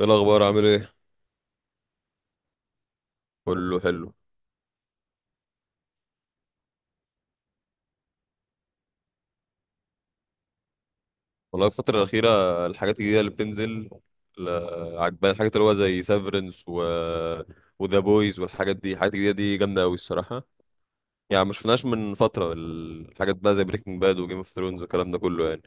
ايه الاخبار؟ عامل ايه؟ كله حلو. والله الفتره الاخيره الحاجات الجديده اللي بتنزل ل- عجباني الحاجات اللي هو زي سيفرنس وذا بويز والحاجات دي، الحاجات الجديده دي جامده قوي الصراحه. يعني ما شفناش من فتره الحاجات بقى زي بريكنج باد وجيم اوف ثرونز والكلام ده كله يعني.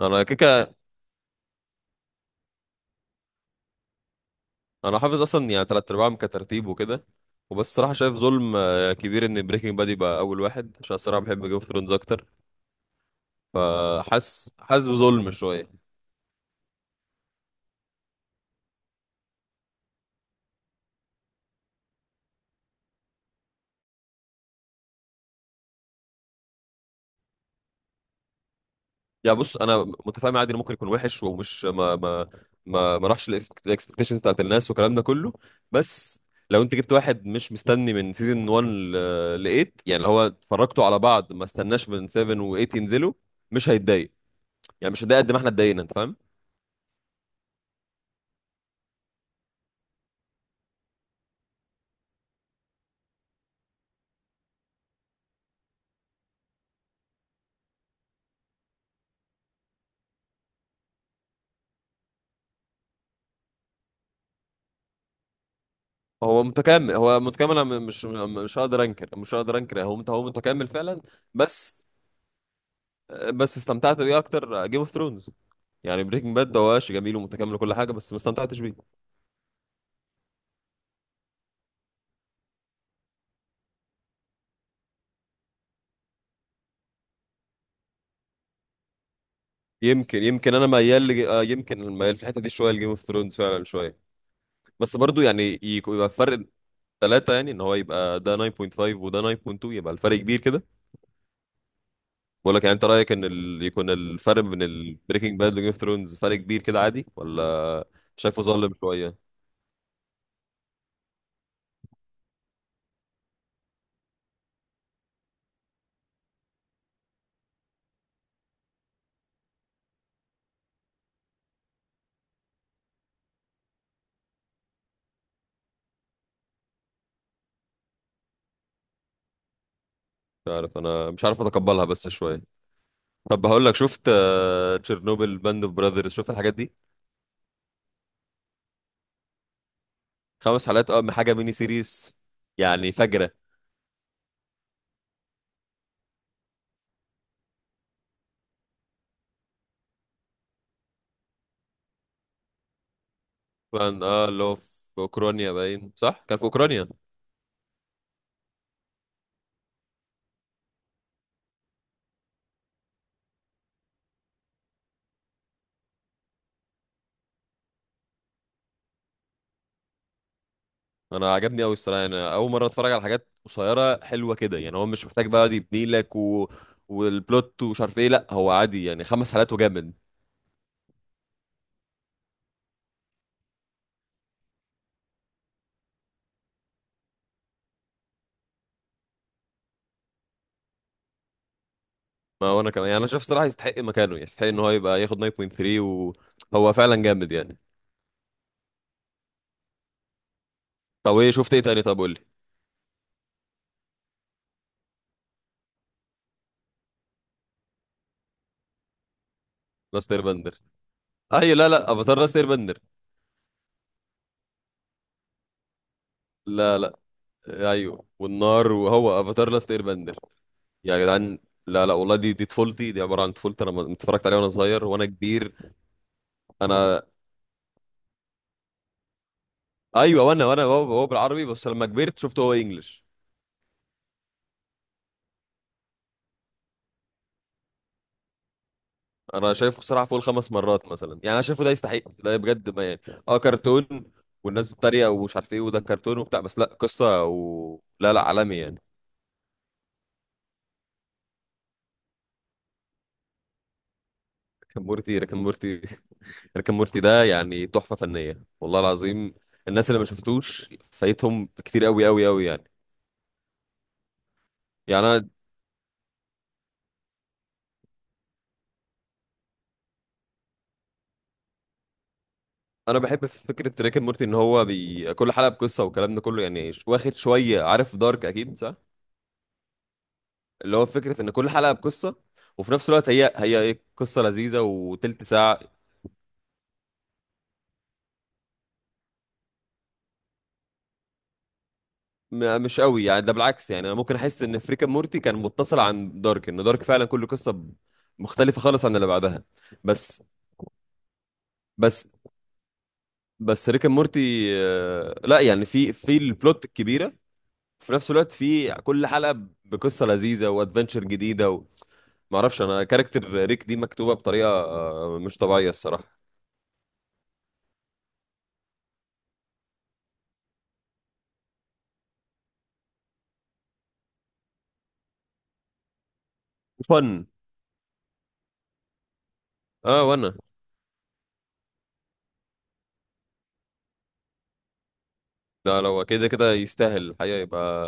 انا كيكا، انا حافظ اصلا يعني تلات ارباعهم كترتيب وكده. وبس الصراحه شايف ظلم كبير ان بريكنج باد يبقى اول واحد، عشان الصراحه بحب جيم اوف ثرونز اكتر. فحاسس بظلم شويه. يعني بص، انا متفاهم عادي انه ممكن يكون وحش ومش ما راحش الاكسبكتيشنز بتاعت الناس والكلام ده كله. بس لو انت جبت واحد مش مستني من سيزون 1 ل 8، يعني اللي هو اتفرجتوا على بعض ما استناش من 7 و 8 ينزلوا، مش هيتضايق. يعني مش هيتضايق قد ما احنا اتضايقنا، انت فاهم. هو متكامل، أنا مش هقدر انكر، هو هو متكامل فعلا. بس بس استمتعت بيه اكتر جيم اوف ثرونز. يعني بريكنج باد ده هو ماشي جميل ومتكامل وكل حاجه، بس ما استمتعتش بيه. يمكن انا ميال لج... آه يمكن ميال في الحته دي شويه لجيم اوف ثرونز فعلا شويه. بس برضو يعني يبقى فرق ثلاثه، يعني ان هو يبقى ده 9.5 وده 9.2، يبقى الفرق كبير كده. بقول لك يعني انت رايك ان يكون الفرق بين البريكنج باد وجيم اوف ثرونز فرق كبير كده عادي ولا شايفه ظالم شويه؟ مش عارف، انا مش عارف اتقبلها بس شويه. طب هقول لك، شفت تشيرنوبل باند اوف براذرز؟ شفت الحاجات دي؟ خمس حلقات اه، من حاجه ميني سيريز، يعني فجره. فان اه اللي هو في اوكرانيا، باين صح كان في اوكرانيا. انا عجبني قوي الصراحه، انا اول مره اتفرج على حاجات قصيره حلوه كده، يعني هو مش محتاج بقى يقعد يبني لك والبلوت ومش عارف ايه. لا هو عادي يعني، خمس حلقات وجامد. ما هو انا كمان يعني، انا شايف الصراحه يستحق مكانه، يعني يستحق ان هو يبقى ياخد 9.3، وهو فعلا جامد يعني. طب ايه شفت ايه تاني؟ طب قول لي. لاست اير بندر، ايوه. لا لا، افاتار لاست اير بندر. لا لا، ايوه والنار، وهو افاتار لاست اير بندر. يا جدعان، لا لا والله، دي طفولتي، دي عباره عن طفولتي، انا اتفرجت عليها وانا صغير وانا كبير. انا ايوه، وانا هو بالعربي، بس لما كبرت شفته هو انجلش. انا شايفه بصراحه فوق الخمس مرات مثلا، يعني انا شايفه ده يستحق، ده بجد ما يعني. اه كرتون، والناس بتتريق ومش عارف ايه وده كرتون وبتاع، بس لا، قصه لا لا، عالمي يعني. ريكن مورتي ريكن مورتي ده يعني تحفه فنيه والله العظيم. الناس اللي ما شفتوش فايتهم كتير قوي قوي قوي يعني. يعني انا، انا بحب في فكره ريكن مورتي ان هو كل حلقه بقصه والكلام ده كله يعني، واخد شويه، عارف دارك اكيد صح؟ اللي هو فكرة ان كل حلقة بقصة، وفي نفس الوقت هي هي قصة لذيذة وتلت ساعة. مش قوي يعني، ده بالعكس يعني، انا ممكن احس ان فريكا مورتي كان متصل عن دارك، ان دارك فعلا كل قصة مختلفة خالص عن اللي بعدها. بس بس بس ريكا مورتي لا يعني في في البلوت الكبيرة، في نفس الوقت في كل حلقة بقصة لذيذة وادفنتشر جديدة معرفش، انا كاركتر ريك دي مكتوبة بطريقة مش طبيعية الصراحة. فن اه، وانا ده لو كده كده يستاهل الحقيقة، يبقى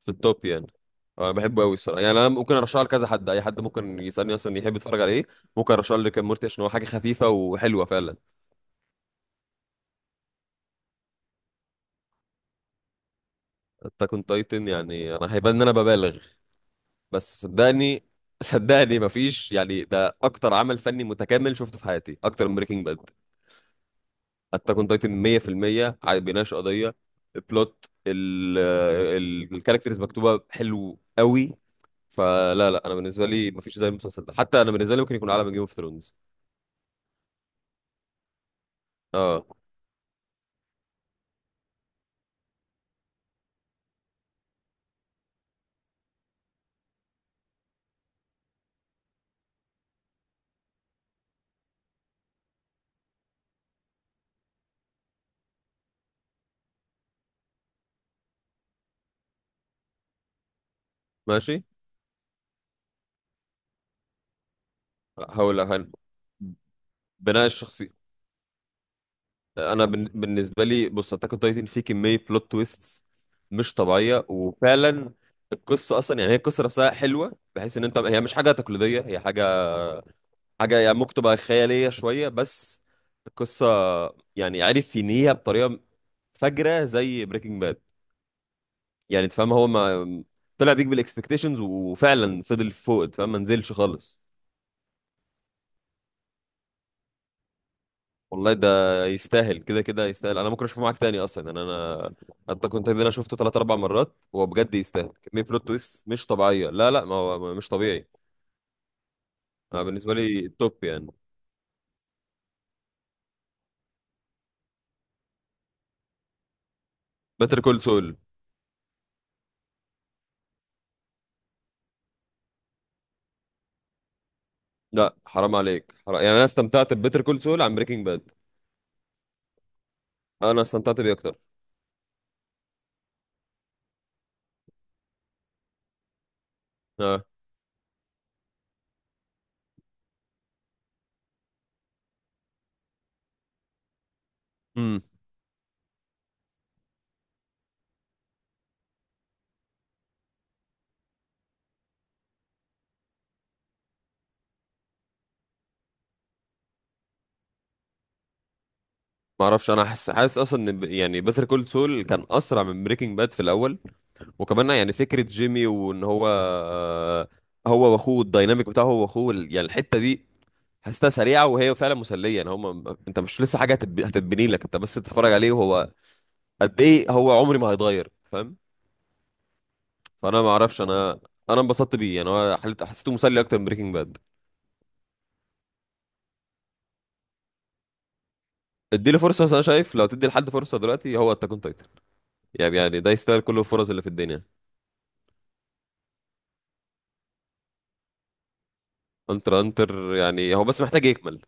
في التوب يعني. أنا بحبه قوي الصراحة، يعني أنا ممكن أرشحه لكذا حد، أي حد ممكن يسألني أصلا يحب يتفرج على إيه ممكن أرشحه لكام مورتي، عشان هو حاجة خفيفة وحلوة فعلا. أتاك أون تايتن، يعني أنا هيبان إن أنا ببالغ، بس صدقني، صدقني مفيش، يعني ده أكتر عمل فني متكامل شفته في حياتي أكتر من بريكنج باد. أتاك أون تايتن 100% بيناقش قضية، البلوت الكاركترز مكتوبة حلو قوي. فلا لا، انا بالنسبه لي مفيش زي المسلسل ده، حتى انا بالنسبه لي ممكن يكون اعلى من جيم اوف ثرونز. اه، ماشي. هقول لك بناء الشخصيه. انا بالنسبه لي، بص، اتاك اون تايتن فيه كميه بلوت تويست مش طبيعيه، وفعلا القصه اصلا يعني، هي القصه نفسها حلوه بحيث ان انت، هي مش حاجه تقليديه، هي حاجه، حاجه يعني ممكن تبقى خياليه شويه، بس القصه يعني عرف ينهيها بطريقه فجره زي بريكنج باد. يعني انت فاهم، هو ما طلع بيك بالاكسبكتيشنز، وفعلا فضل فوق، انت فاهم، ما نزلش خالص. والله ده يستاهل، كده كده يستاهل، انا ممكن اشوفه معاك تاني اصلا، يعني انا حتى كنت ده انا شفته ثلاث اربع مرات، وهو بجد يستاهل، كمية بلوت تويست مش طبيعية، لا لا ما هو مش طبيعي. انا بالنسبة لي التوب يعني. بيتر كول سول؟ لا حرام عليك، حرام. يعني انا استمتعت ببيتر كول سول عن بريكنج باد. انا استمتعت بيه اكتر. اه. امم. ما اعرفش، انا حاسس، اصلا ان يعني بيتر كول سول كان اسرع من بريكنج باد في الاول. وكمان يعني فكرة جيمي، وان هو هو واخوه، الديناميك بتاعه هو واخوه، يعني الحتة دي حاسسها سريعة، وهي فعلا مسلية، يعني هما، انت مش لسه حاجة هتتبني لك، انت بس بتتفرج عليه، وهو قد ايه، هو عمري ما هيتغير فاهم. فانا ما اعرفش، انا انبسطت بيه يعني، هو حسيته مسلي اكتر من بريكنج باد. اديله فرصة، بس انا شايف لو تدي لحد فرصة دلوقتي هو التاكون تايتن، يعني يعني ده يستاهل كل الفرص اللي في الدنيا. انتر انتر، يعني هو بس محتاج يكمل.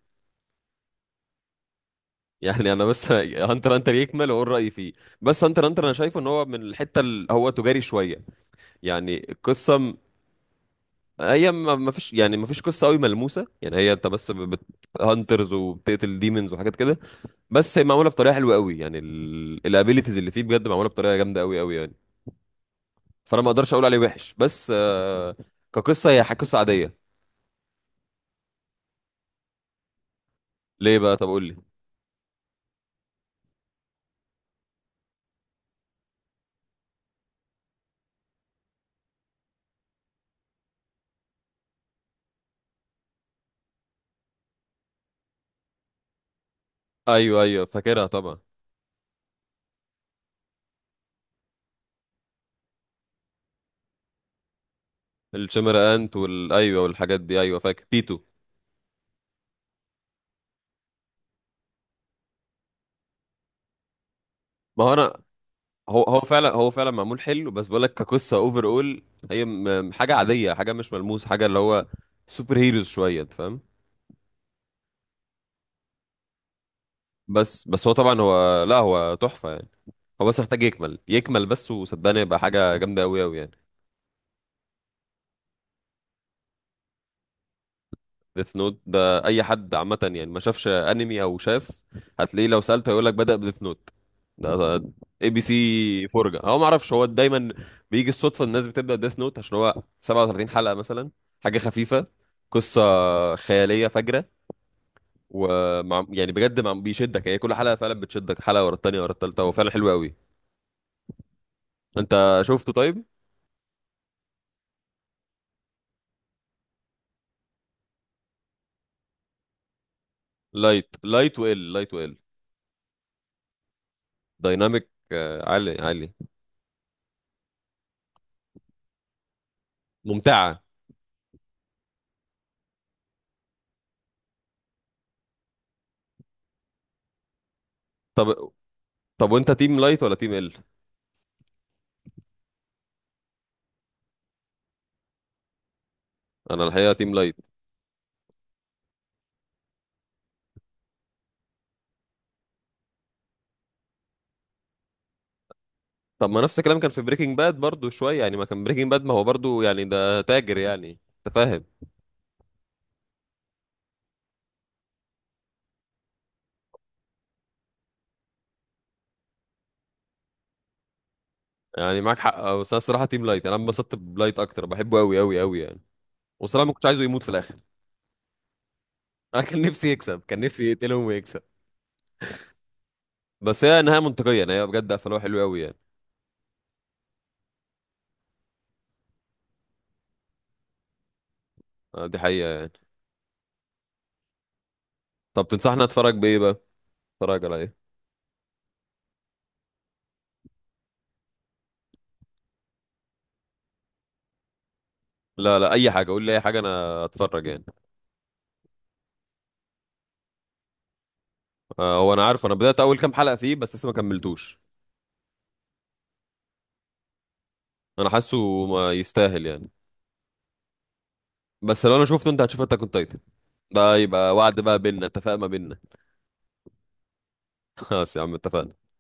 يعني انا بس هانتر هانتر يكمل واقول رايي فيه. بس هانتر هانتر، انا شايفه ان هو من الحته اللي هو تجاري شويه، يعني القصه هي ما فيش، يعني ما فيش قصه قوي ملموسه، يعني هي انت بس هانترز وبتقتل ديمونز وحاجات كده، بس هي معموله بطريقه حلوه قوي يعني، الابيليتيز اللي فيه بجد معموله بطريقه جامده قوي قوي يعني. فانا ما اقدرش اقول عليه وحش، بس كقصه هي قصه عاديه. ليه بقى؟ طب قول لي. ايوه ايوه فاكرها طبعا. الشمر انت وال ايوه، والحاجات دي ايوه، فاكر بيتو. ما هو انا، هو هو فعلا، هو فعلا معمول حلو، بس بقول لك كقصه اوفر اول هي حاجه عاديه، حاجه مش ملموس، حاجه اللي هو سوبر هيروز شويه، أنت فاهم. بس هو طبعا، هو لا هو تحفه يعني، هو بس محتاج يكمل، يكمل بس وصدقني يبقى حاجه جامده قوي قوي يعني. ديث نوت ده اي حد عامه يعني ما شافش انمي او شاف هتلاقيه، لو سالته هيقول لك بدا بديث نوت. ده اي بي سي فرجه. هو ما اعرفش هو دايما بيجي الصدفه، الناس بتبدا ديث نوت عشان هو 37 حلقه مثلا، حاجه خفيفه، قصه خياليه فجره، ومع يعني بجد مع بيشدك، هي كل حلقه فعلا بتشدك، حلقه ورا التانيه ورا التالته، هو فعلا حلو قوي. انت شفته طيب؟ لايت لايت وال دايناميك عالي عالي ممتعه. طب، طب وانت تيم لايت ولا تيم ال؟ انا الحقيقه تيم لايت. طب ما نفس الكلام كان في بريكنج باد برضو شويه، يعني ما كان بريكنج باد ما هو برضو يعني ده تاجر يعني، انت فاهم؟ يعني معاك حق بس انا الصراحه تيم لايت، انا انبسطت بلايت اكتر، بحبه قوي قوي قوي يعني. وصراحه ما كنتش عايزه يموت في الاخر. انا كان نفسي يكسب، كان نفسي يقتلهم ويكسب. بس هي نهايه منطقيه، يعني هي بجد قفلوها حلو قوي يعني. دي حقيقه يعني. طب تنصحنا اتفرج بايه بقى؟ اتفرج على ايه؟ لا لا، اي حاجه، قول لي اي حاجه انا اتفرج يعني. هو انا عارف، انا بدات اول كام حلقه فيه بس لسه ما كملتوش. انا حاسه ما يستاهل يعني. بس لو انا شفته انت هتشوف اتاك اون تايتن، ده يبقى وعد بقى بينا، اتفاق ما بينا. خلاص يا عم، اتفقنا.